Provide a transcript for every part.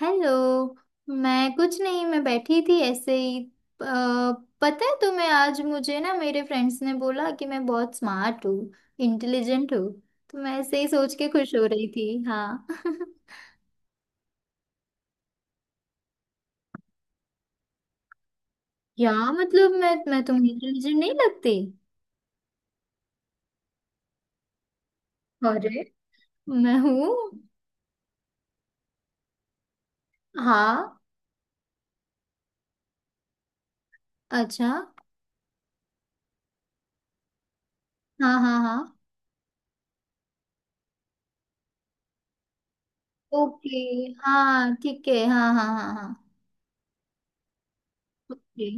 Hello. मैं कुछ नहीं, मैं बैठी थी ऐसे ही। अ, पता है तुम्हें, आज मुझे ना मेरे फ्रेंड्स ने बोला कि मैं बहुत स्मार्ट हूँ, इंटेलिजेंट हूँ। तो मैं ऐसे ही सोच के खुश हो रही थी हाँ। या मतलब मैं तुम्हें इंटेलिजेंट नहीं लगती? अरे, मैं हूँ। हाँ। अच्छा। हाँ हाँ हाँ। ओके। हाँ ठीक है, हाँ हाँ हाँ हाँ। ओके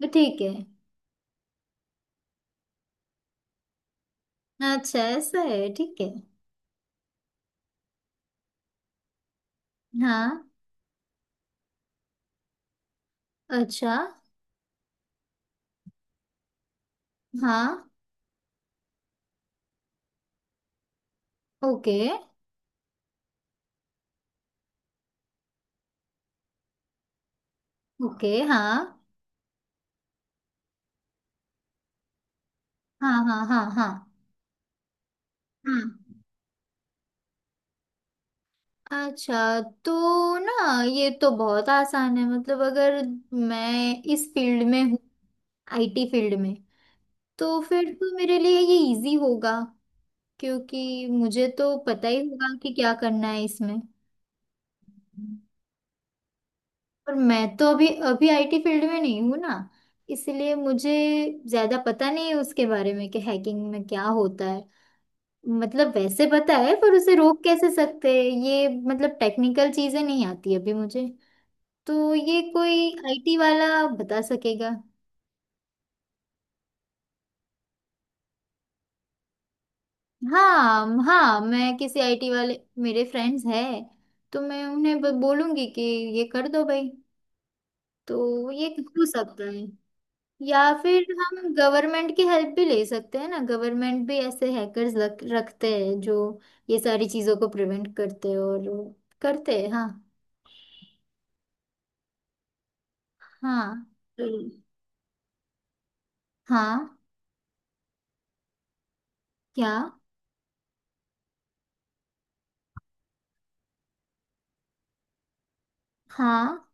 तो ठीक है। अच्छा ऐसा है, ठीक है। हाँ। अच्छा। हाँ। Okay okay. हाँ हाँ हाँ हाँ। हाँ हाँ। अच्छा, तो ना ये तो बहुत आसान है। मतलब अगर मैं इस फील्ड में हूँ, आईटी फील्ड में, तो फिर तो मेरे लिए ये इजी होगा। क्योंकि मुझे तो पता ही होगा कि क्या करना है इसमें। पर मैं तो अभी अभी आईटी फील्ड में नहीं हूँ ना। इसलिए मुझे ज्यादा पता नहीं है उसके बारे में कि हैकिंग में क्या होता है। मतलब वैसे पता है, पर उसे रोक कैसे सकते हैं ये, मतलब टेक्निकल चीजें नहीं आती अभी मुझे। तो ये कोई आईटी वाला बता सकेगा। हाँ हाँ, मैं किसी आईटी वाले, मेरे फ्रेंड्स हैं, तो मैं उन्हें बोलूंगी कि ये कर दो भाई। तो ये हो सकता है। या फिर हम गवर्नमेंट की हेल्प भी ले सकते हैं ना। गवर्नमेंट भी ऐसे हैकर्स रखते हैं जो ये सारी चीजों को प्रिवेंट करते हैं और करते हैं हाँ। हाँ जरूर। हाँ। क्या? हाँ।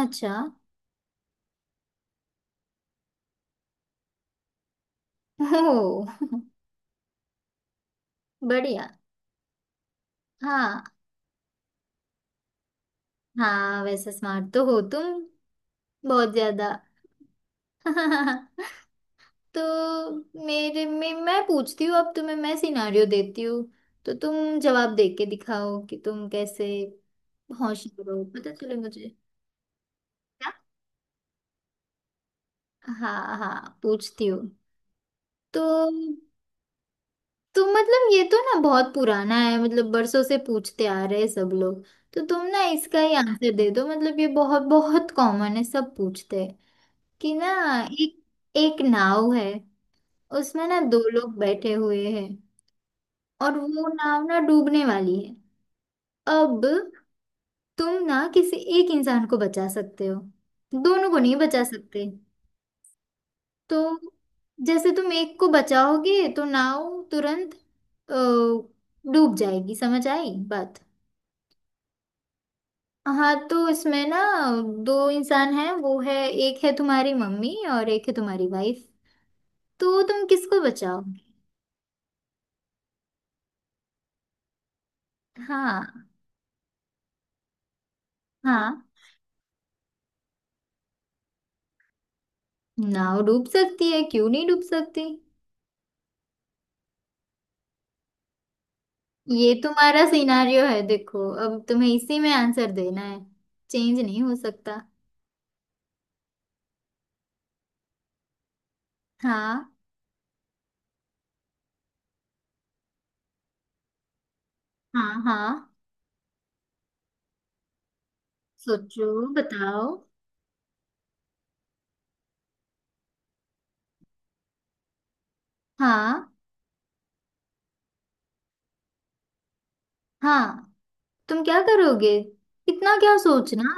अच्छा। ओ, बढ़िया। हाँ। हाँ वैसे स्मार्ट तो हो तुम, बहुत ज्यादा। तो मेरे में, मैं पूछती हूँ अब तुम्हें, मैं सिनारियो देती हूँ। तो तुम जवाब दे के दिखाओ कि तुम कैसे होशियार हो, पता चले मुझे। क्या? हाँ हाँ पूछती हूँ। तो तुम मतलब ये तो ना बहुत पुराना है। मतलब बरसों से पूछते आ रहे हैं सब लोग। तो तुम ना इसका ही आंसर दे दो। मतलब ये बहुत बहुत कॉमन है, सब पूछते हैं कि ना। एक एक नाव है। उसमें ना दो लोग बैठे हुए हैं। और वो नाव ना डूबने वाली है। अब तुम ना किसी एक इंसान को बचा सकते हो, दोनों को नहीं बचा सकते। तो जैसे तुम एक को बचाओगे तो नाव तुरंत डूब जाएगी, समझ आई बात? हाँ तो इसमें ना दो इंसान हैं, वो है, एक है तुम्हारी मम्मी और एक है तुम्हारी वाइफ। तो तुम किसको बचाओगी? हाँ हाँ। नाव डूब सकती है, क्यों नहीं डूब सकती। ये तुम्हारा सिनारियो है, देखो अब तुम्हें इसी में आंसर देना है, चेंज नहीं हो सकता। हाँ हाँ हाँ। सोचो बताओ। हाँ हाँ। तुम क्या करोगे, इतना क्या सोचना।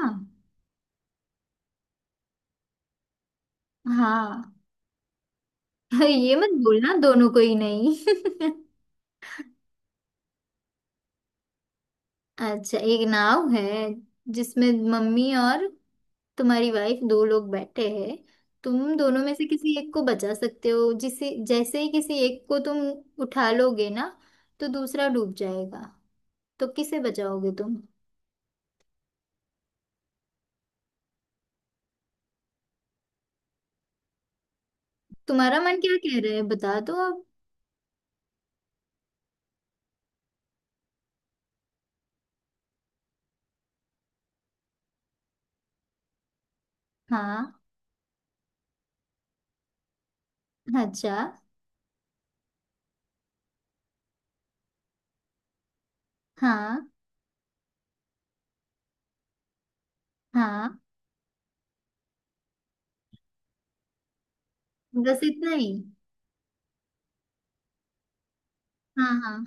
हाँ। ये मत बोलना दोनों को ही नहीं। अच्छा, एक नाव है जिसमें मम्मी और तुम्हारी वाइफ, दो लोग बैठे हैं। तुम दोनों में से किसी एक को बचा सकते हो। जिसे, जैसे ही किसी एक को तुम उठा लोगे ना, तो दूसरा डूब जाएगा। तो किसे बचाओगे तुम? तुम्हारा मन क्या कह रहा है, बता दो अब। हाँ। अच्छा। हाँ। हाँ, बस इतना ही? हाँ हाँ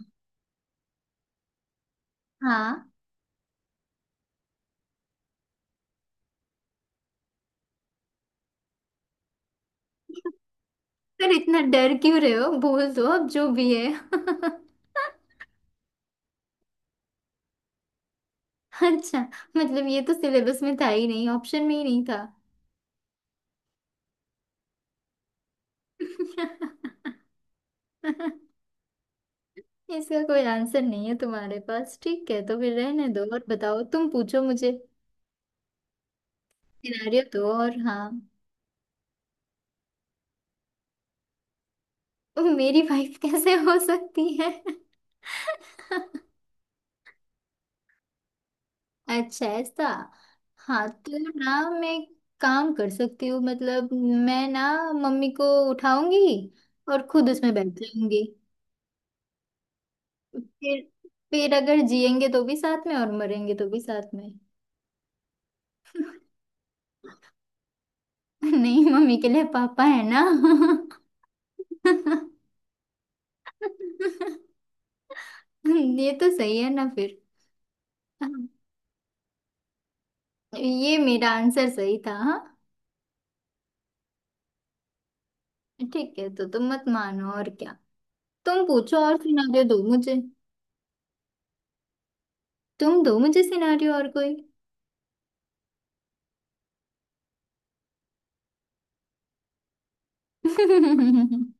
हाँ, पर इतना डर क्यों रहे हो, बोल दो अब जो भी है। अच्छा, मतलब ये तो सिलेबस में था ही नहीं, ऑप्शन में ही नहीं था। इसका कोई आंसर नहीं है तुम्हारे पास, ठीक है तो फिर रहने दो। और बताओ, तुम पूछो मुझे, सिनारियो दो और। हाँ। ओ, मेरी वाइफ कैसे हो सकती है? अच्छा ऐसा। हाँ तो ना मैं काम कर सकती हूँ। मतलब मैं ना मम्मी को उठाऊंगी और खुद उसमें बैठ जाऊंगी। फिर फिर अगर जिएंगे तो भी साथ में और मरेंगे तो भी साथ में। नहीं, मम्मी के लिए पापा है ना। ये तो सही है ना फिर। हाँ, ये मेरा आंसर सही था हाँ। ठीक है तो तुम मत मानो, और क्या। तुम पूछो और सिनारियो दो मुझे। तुम दो मुझे सिनारियो और कोई।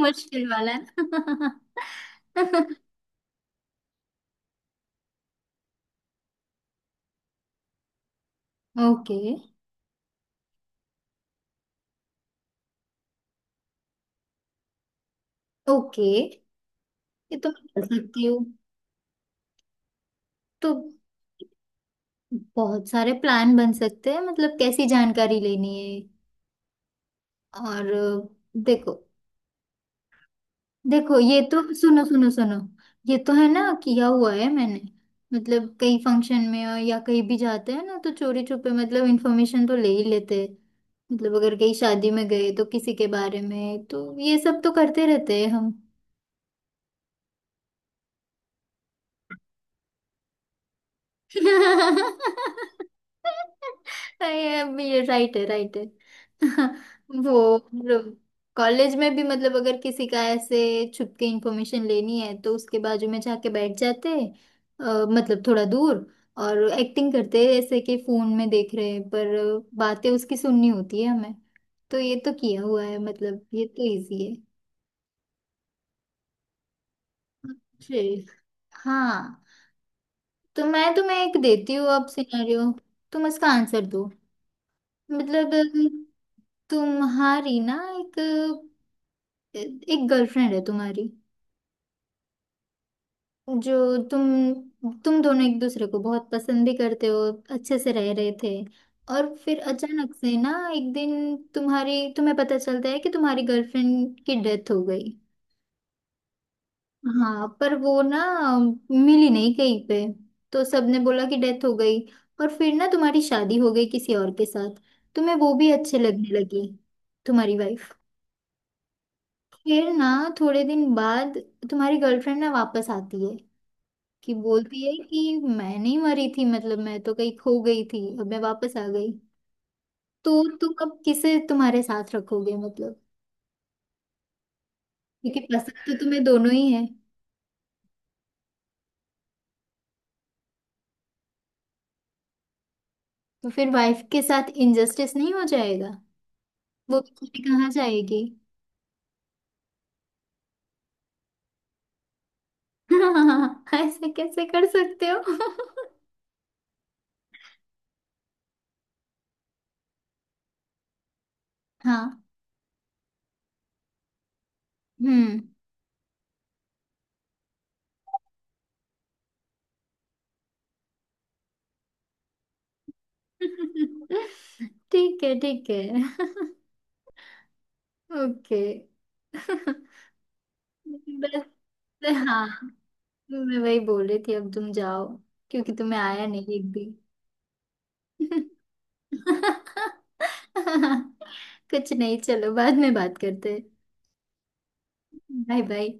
मुश्किल वाला। ओके ओके, ये तो मैं कर सकती हूँ। तो बहुत सारे प्लान बन सकते हैं, मतलब कैसी जानकारी लेनी है और देखो। देखो ये तो सुनो सुनो सुनो। ये तो है ना, किया हुआ है मैंने। मतलब कई फंक्शन में और या कहीं भी जाते हैं ना, तो चोरी छुपे मतलब इन्फॉर्मेशन तो ले ही लेते हैं। मतलब अगर कहीं शादी में गए तो किसी के बारे में, तो ये सब तो करते रहते हैं हम। ये राइट है राइट है। वो कॉलेज में भी, मतलब अगर किसी का ऐसे छुप के इंफॉर्मेशन लेनी है, तो उसके बाजू में जाके बैठ जाते, अ, मतलब थोड़ा दूर। और एक्टिंग करते ऐसे कि फोन में देख रहे हैं, पर बातें उसकी सुननी होती है हमें। तो ये तो किया हुआ है, मतलब ये तो इजी है। जी। हाँ। तो मैं तुम्हें एक देती हूँ अब सिनेरियो। तुम इसका आंसर दो। मतलब तुम्हारी ना एक एक गर्लफ्रेंड है तुम्हारी, जो तुम दोनों एक दूसरे को बहुत पसंद भी करते हो, अच्छे से रह रहे थे। और फिर अचानक से ना एक दिन तुम्हारी, तुम्हें पता चलता है कि तुम्हारी गर्लफ्रेंड की डेथ हो गई। हाँ, पर वो ना मिली नहीं कहीं पे। तो सबने बोला कि डेथ हो गई। और फिर ना तुम्हारी शादी हो गई किसी और के साथ। तुम्हें वो भी अच्छे लगने लगी, तुम्हारी वाइफ। फिर ना थोड़े दिन बाद तुम्हारी गर्लफ्रेंड ना वापस आती है। कि बोलती है कि मैं नहीं मरी थी, मतलब मैं तो कहीं खो गई थी, अब मैं वापस आ गई। तो तुम अब किसे तुम्हारे साथ रखोगे, मतलब क्योंकि पसंद तो तुम्हें दोनों ही है। तो फिर वाइफ के साथ इंजस्टिस नहीं हो जाएगा, वो बेचारी कहाँ जाएगी? ऐसे कैसे कर सकते हो? हाँ। हम्म। ठीक है ठीक है। ओके। बस। हाँ। तो मैं वही बोल रही थी, अब तुम जाओ, क्योंकि तुम्हें आया नहीं एक भी। कुछ नहीं, चलो बाद में बात करते हैं। Bye bye.